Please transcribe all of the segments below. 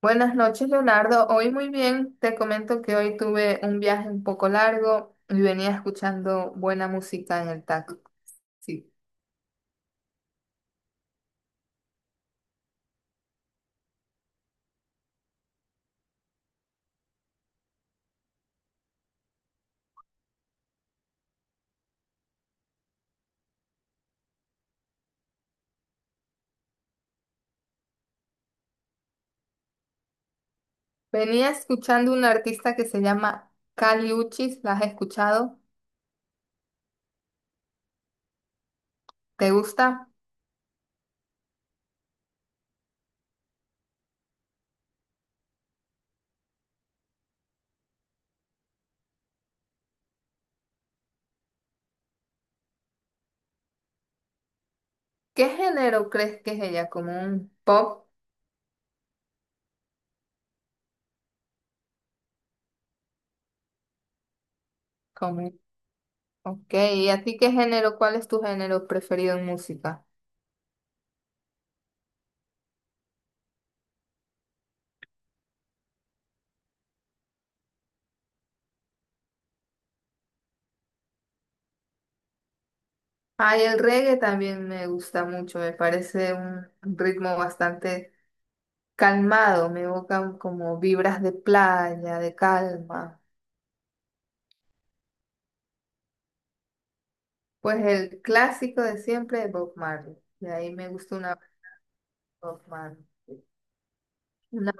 Buenas noches, Leonardo. Hoy muy bien. Te comento que hoy tuve un viaje un poco largo y venía escuchando buena música en el taxi. Sí. Venía escuchando un artista que se llama Kali Uchis. ¿La has escuchado? ¿Te gusta? ¿Qué género crees que es ella? ¿Como un pop? ¿Como un... Ok. ¿Y a ti qué género? ¿Cuál es tu género preferido en música? Ay, el reggae también me gusta mucho. Me parece un ritmo bastante calmado, me evocan como vibras de playa, de calma. Pues el clásico de siempre de Bob Marley. De ahí me gusta una Bob Marley. No,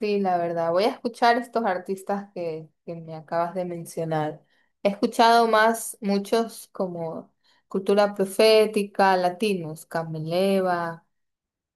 sí, la verdad. Voy a escuchar estos artistas que me acabas de mencionar. He escuchado más muchos como Cultura Profética, latinos, Cameleva,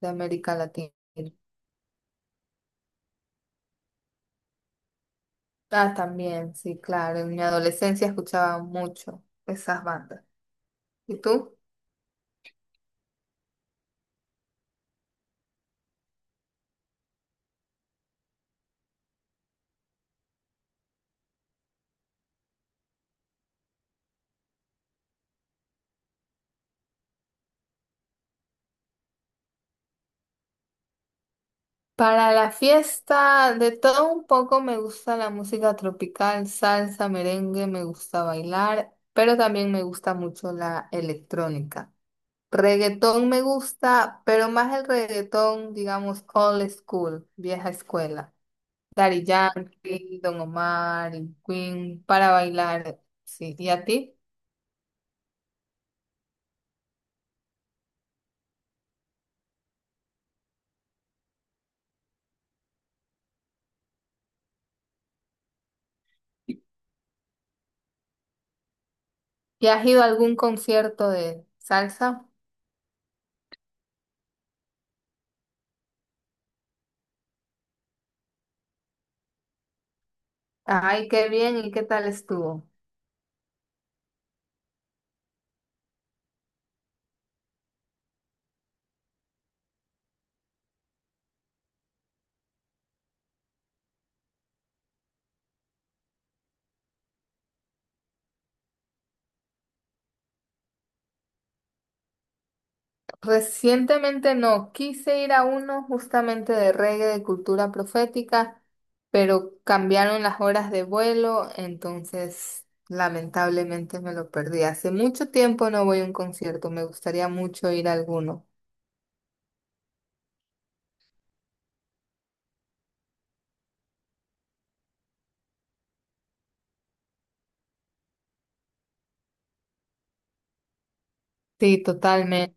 de América Latina. Ah, también, sí, claro. En mi adolescencia escuchaba mucho esas bandas. ¿Y tú? Para la fiesta, de todo un poco me gusta la música tropical, salsa, merengue, me gusta bailar, pero también me gusta mucho la electrónica. Reggaetón me gusta, pero más el reggaetón, digamos, old school, vieja escuela. Daddy Yankee, Don Omar, y Queen, para bailar, sí. ¿Y a ti? ¿Y has ido a algún concierto de salsa? Ay, qué bien, ¿y qué tal estuvo? Recientemente no, quise ir a uno justamente de reggae de cultura profética, pero cambiaron las horas de vuelo, entonces lamentablemente me lo perdí. Hace mucho tiempo no voy a un concierto, me gustaría mucho ir a alguno. Sí, totalmente,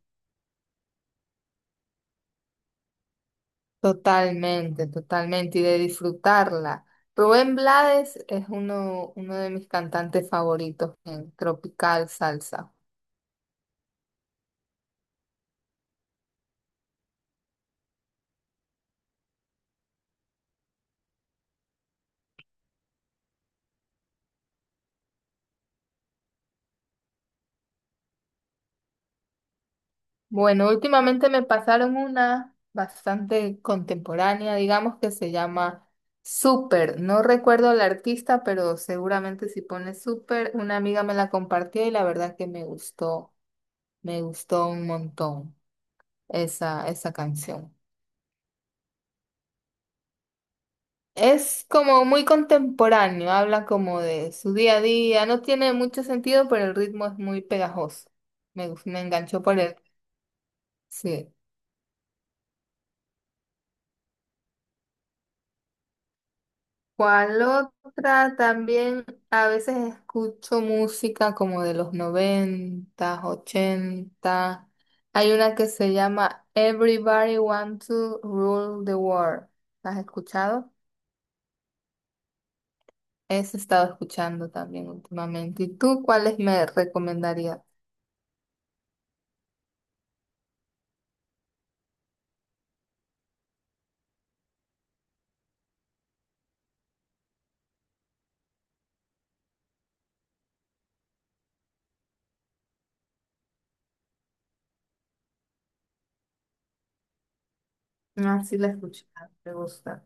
totalmente, totalmente, y de disfrutarla. Rubén Blades es uno de mis cantantes favoritos en tropical salsa. Bueno, últimamente me pasaron una bastante contemporánea, digamos, que se llama Super. No recuerdo la artista, pero seguramente si pone Super, una amiga me la compartió y la verdad que me gustó un montón esa canción. Es como muy contemporáneo, habla como de su día a día, no tiene mucho sentido, pero el ritmo es muy pegajoso. Me enganchó por él. Sí. ¿Cuál otra? También a veces escucho música como de los 90, 80. Hay una que se llama Everybody Want to Rule the World. ¿La has escuchado? Esa he estado escuchando también últimamente. ¿Y tú cuáles me recomendarías? Ah, sí la he escuchado, me gusta.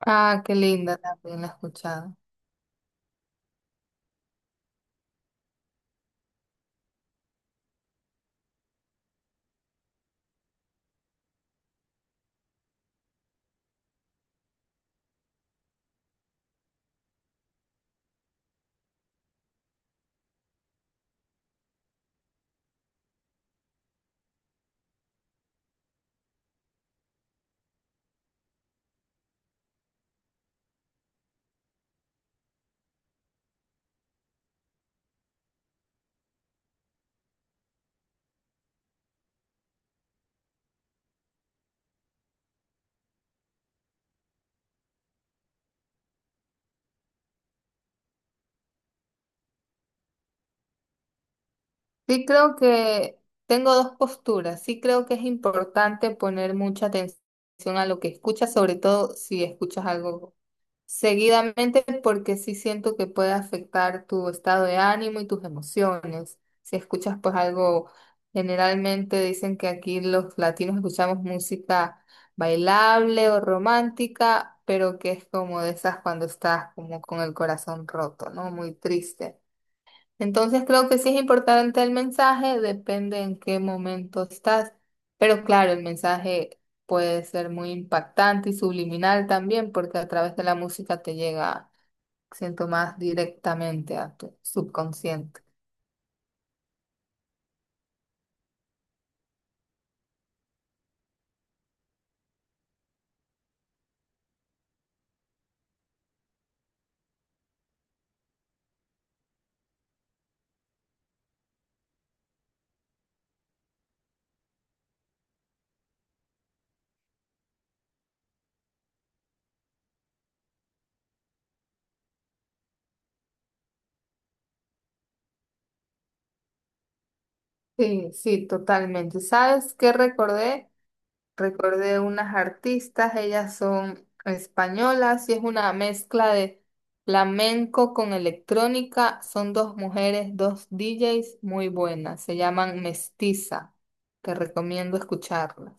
Ah, qué linda, también la he escuchado. Sí creo que tengo dos posturas. Sí creo que es importante poner mucha atención a lo que escuchas, sobre todo si escuchas algo seguidamente, porque sí siento que puede afectar tu estado de ánimo y tus emociones. Si escuchas pues algo, generalmente dicen que aquí los latinos escuchamos música bailable o romántica, pero que es como de esas cuando estás como con el corazón roto, ¿no? Muy triste. Entonces creo que sí es importante el mensaje, depende en qué momento estás, pero claro, el mensaje puede ser muy impactante y subliminal también, porque a través de la música te llega, siento más directamente a tu subconsciente. Sí, sí, totalmente. ¿Sabes qué recordé? Recordé unas artistas, ellas son españolas y es una mezcla de flamenco con electrónica. Son dos mujeres, dos DJs muy buenas. Se llaman Mestiza. Te recomiendo escucharlas.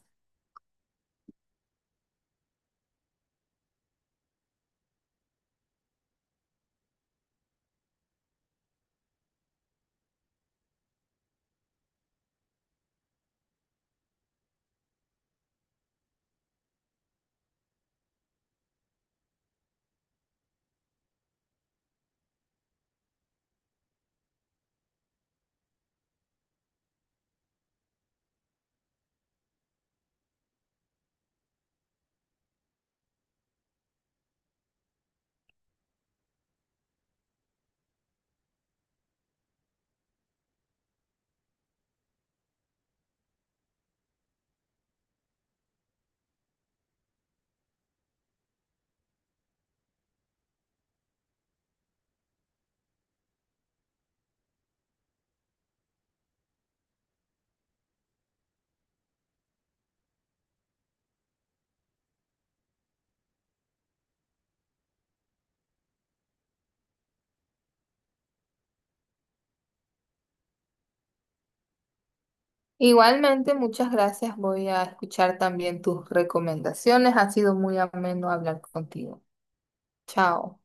Igualmente, muchas gracias. Voy a escuchar también tus recomendaciones. Ha sido muy ameno hablar contigo. Chao.